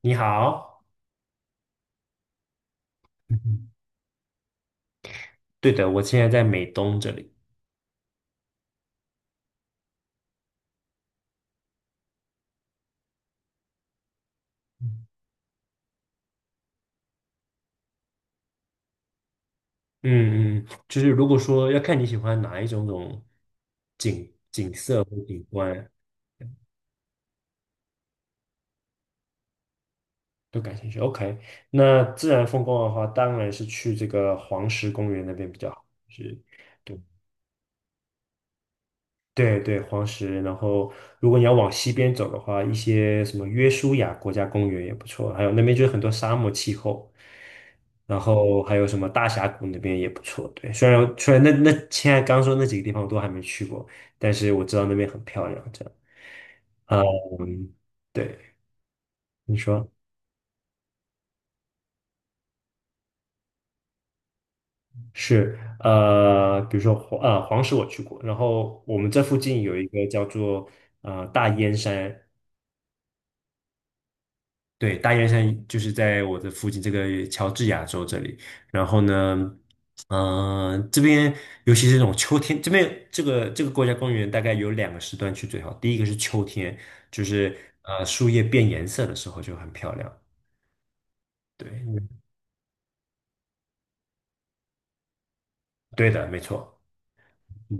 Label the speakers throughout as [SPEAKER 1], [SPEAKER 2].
[SPEAKER 1] 你好，嗯对的，我现在在美东这里。嗯嗯就是如果说要看你喜欢哪一种景色或景观都感兴趣，OK。那自然风光的话，当然是去这个黄石公园那边比较好。是，对。对，黄石。然后，如果你要往西边走的话，一些什么约书亚国家公园也不错，还有那边就是很多沙漠气候，然后还有什么大峡谷那边也不错。对，虽然现在刚说那几个地方我都还没去过，但是我知道那边很漂亮。这样，嗯，对，你说是比如说黄石我去过，然后我们这附近有一个叫做大燕山，对，大雁山就是在我的附近这个乔治亚州这里。然后呢，嗯，这边尤其是这种秋天，这个国家公园大概有两个时段去最好。第一个是秋天，就是树叶变颜色的时候就很漂亮。对，嗯对的，没错。嗯，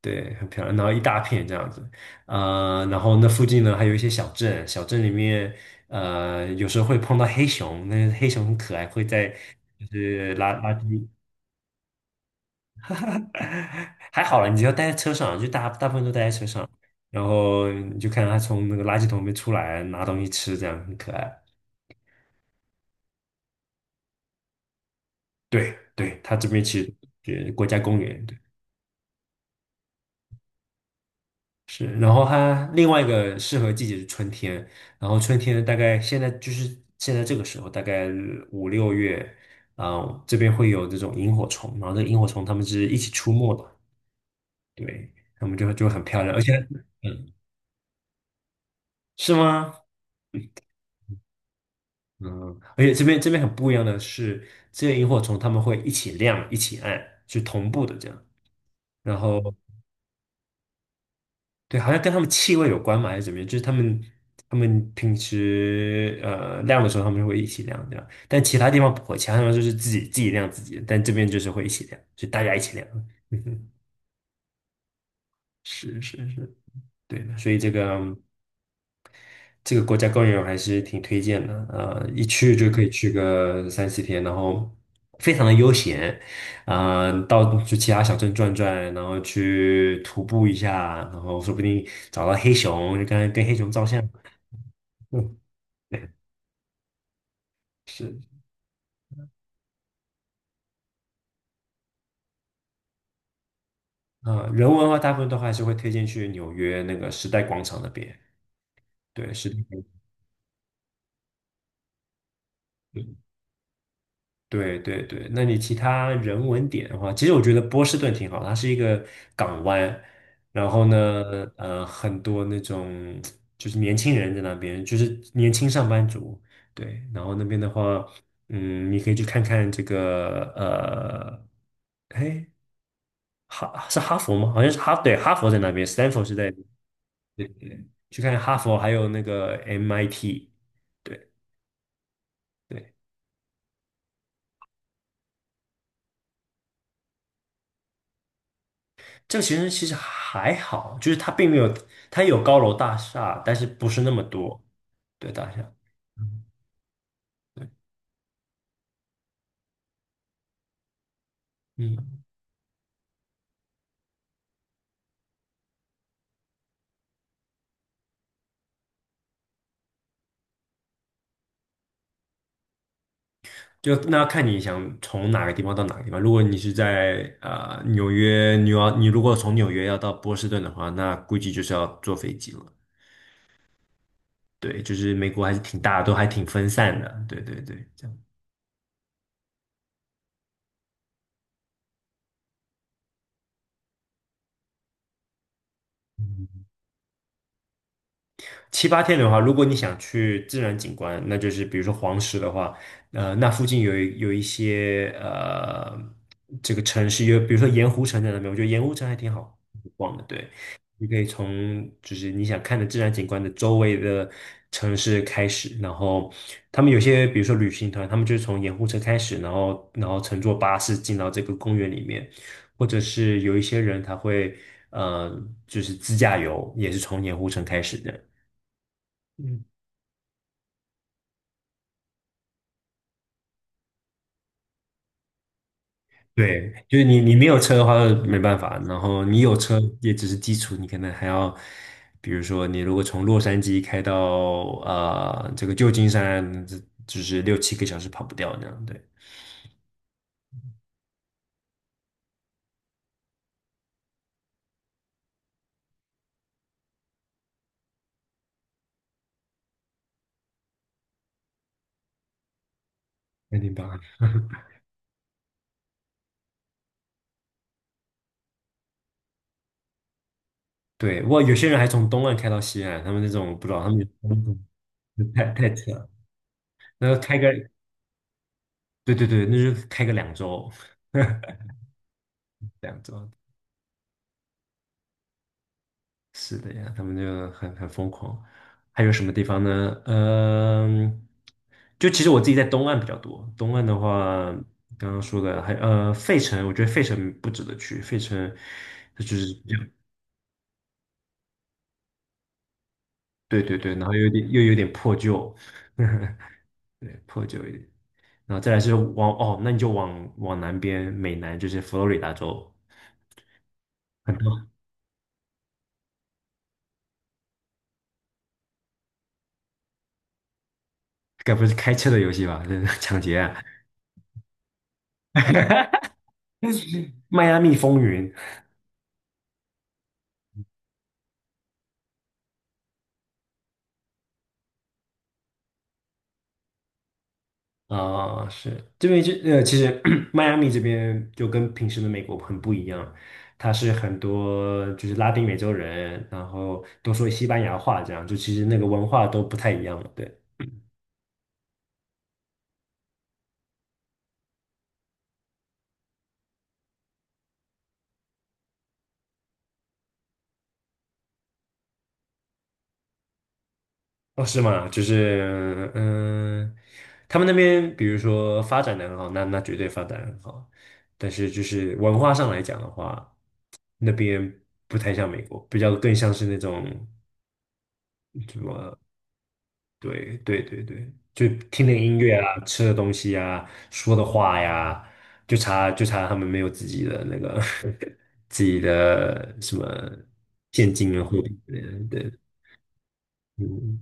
[SPEAKER 1] 对，很漂亮，然后一大片这样子，然后那附近呢还有一些小镇，小镇里面，有时候会碰到黑熊，那黑熊很可爱，会在就是垃圾。 还好了，你只要待在车上，就大部分都待在车上，然后你就看到他从那个垃圾桶里面出来拿东西吃，这样很可爱。对，它这边其实是国家公园，对是。然后它另外一个适合季节是春天，然后春天大概现在就是现在这个时候，大概五六月，啊、这边会有这种萤火虫，然后这个萤火虫它们是一起出没的，对，它们就很漂亮，而且嗯，是吗？嗯，而且这边很不一样的是，这些萤火虫它们会一起亮、一起暗，是同步的这样。然后对，好像跟它们气味有关嘛，还是怎么样？就是它们平时亮的时候，它们会一起亮这样，但其他地方不会，其他地方就是自己亮自己的，但这边就是会一起亮，就大家一起亮。嗯哼，是是是，对的。所以这个。这个国家公园我还是挺推荐的，一去就可以去个三四天，然后非常的悠闲，啊、到去其他小镇转转，然后去徒步一下，然后说不定找到黑熊，就跟黑熊照相。嗯，对，是，啊、人文的话，大部分都还是会推荐去纽约那个时代广场那边，对，是的。对，那你其他人文点的话，其实我觉得波士顿挺好，它是一个港湾，然后嗯呢，很多那种就是年轻人在那边，就是年轻上班族，对，然后那边的话，嗯，你可以去看看这个，哎，是哈佛吗？好像是哈，对，哈佛在那边，Stanford 是在，对去看哈佛，还有那个 MIT，对。对。这个其实还好，就是它并没有，它有高楼大厦，但是不是那么多，对大厦。嗯对，嗯，就那要看你想从哪个地方到哪个地方。如果你是在纽约，你如果从纽约要到波士顿的话，那估计就是要坐飞机了。对，就是美国还是挺大的都还挺分散的。对，这样。嗯七八天的话，如果你想去自然景观，那就是比如说黄石的话，那附近有一些这个城市，有比如说盐湖城在那边，我觉得盐湖城还挺好逛的。对，你可以从就是你想看的自然景观的周围的城市开始，然后他们有些比如说旅行团，他们就是从盐湖城开始，然后乘坐巴士进到这个公园里面，或者是有一些人他会。呃，就是自驾游也是从盐湖城开始的。嗯，对，就是你没有车的话没办法，然后你有车也只是基础，你可能还要，比如说你如果从洛杉矶开到这个旧金山，这就是六七个小时跑不掉那样，对，肯定吧？对，哇，有些人还从东岸开到西岸，他们那种不知道他们有那种太扯了，那开个对，那就开个两周，两周，是的呀，他们就很疯狂。还有什么地方呢？嗯，就其实我自己在东岸比较多。东岸的话，刚刚说的还费城，我觉得费城不值得去。费城它就是比较对，然后有点破旧，对，破旧一点。然后再来是往哦，那你就往南边，美南就是佛罗里达州，很多该不是开车的游戏吧？这是抢劫啊！迈阿密风云，啊，是这边就其实 迈阿密这边就跟平时的美国很不一样，它是很多就是拉丁美洲人，然后都说西班牙话，这样就其实那个文化都不太一样了。对，哦，是吗？就是他们那边比如说发展的很好，那绝对发展得很好，但是就是文化上来讲的话，那边不太像美国，比较更像是那种。什么。对对对对，就听点音乐啊，吃的东西啊，说的话呀，就差他们没有自己的那个 自己的什么现金啊货币之类的对，嗯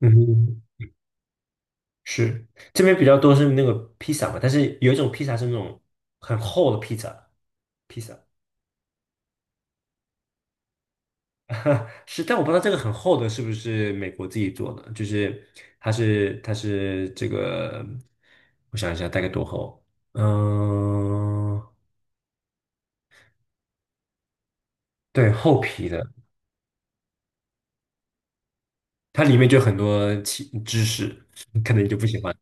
[SPEAKER 1] 嗯哼是这边比较多是那个披萨嘛，但是有一种披萨是那种很厚的披萨，披萨，是，但我不知道这个很厚的是不是美国自己做的，就是它是这个，我想一下大概多厚，嗯、对，厚皮的，它里面就很多其知识，可能你就不喜欢，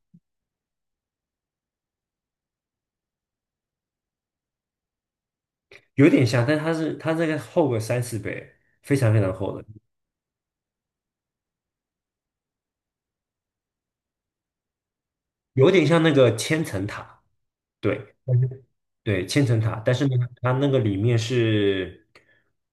[SPEAKER 1] 有点像，但它这个厚个三四倍，非常厚的，有点像那个千层塔，对，对，千层塔，但是呢，它那个里面是，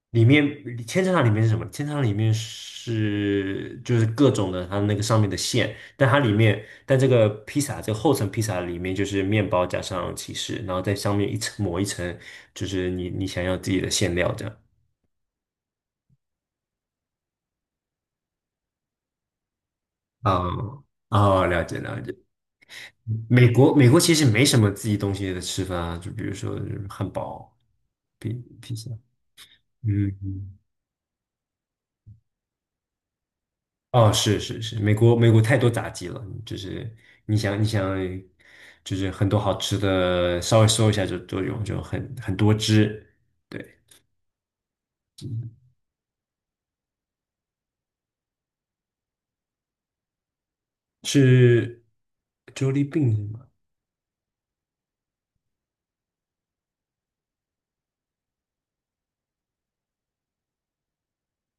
[SPEAKER 1] 里面千层塔里面是什么？千层塔里面是就是各种的它那个上面的馅，但它里面，但这个披萨这个厚层披萨里面就是面包加上起司，然后在上面一层抹一层，就是你想要自己的馅料这样。啊啊，了解了解。美国其实没什么自己东西的吃法，就比如说汉堡、披披萨，嗯嗯。哦，是是是，美国太多炸鸡了，就是你想，就是很多好吃的，稍微搜一下就都有，就很多汁。对，是 Jollibee 是吗？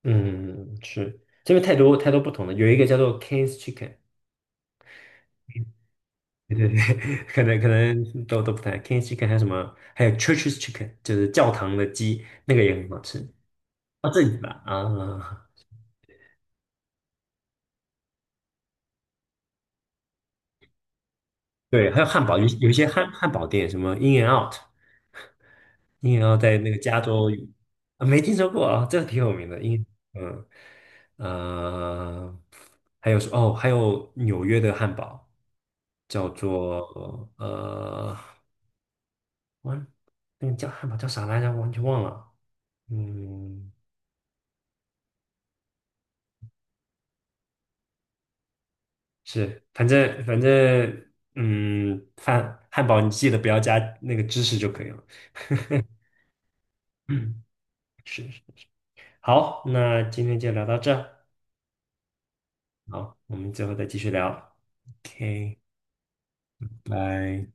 [SPEAKER 1] 嗯，是这边太多不同的，有一个叫做 King's Chicken，对，可能都不太 King's Chicken，还有什么，还有 Church's e Chicken，就是教堂的鸡，那个也很好吃。哦，这里吧，啊，对，还有汉堡，有一些汉堡店，什么 In and Out。鹰眼要在那个加州啊，没听说过啊，这个挺有名的。鹰，嗯，呃，还有是哦，还有纽约的汉堡叫做完，那个叫汉堡叫啥来着？我完全忘了。嗯，是，反正，嗯，汉堡你记得不要加那个芝士就可以了。嗯，是是。好，那今天就聊到这儿好，我们最后再继续聊。OK。拜。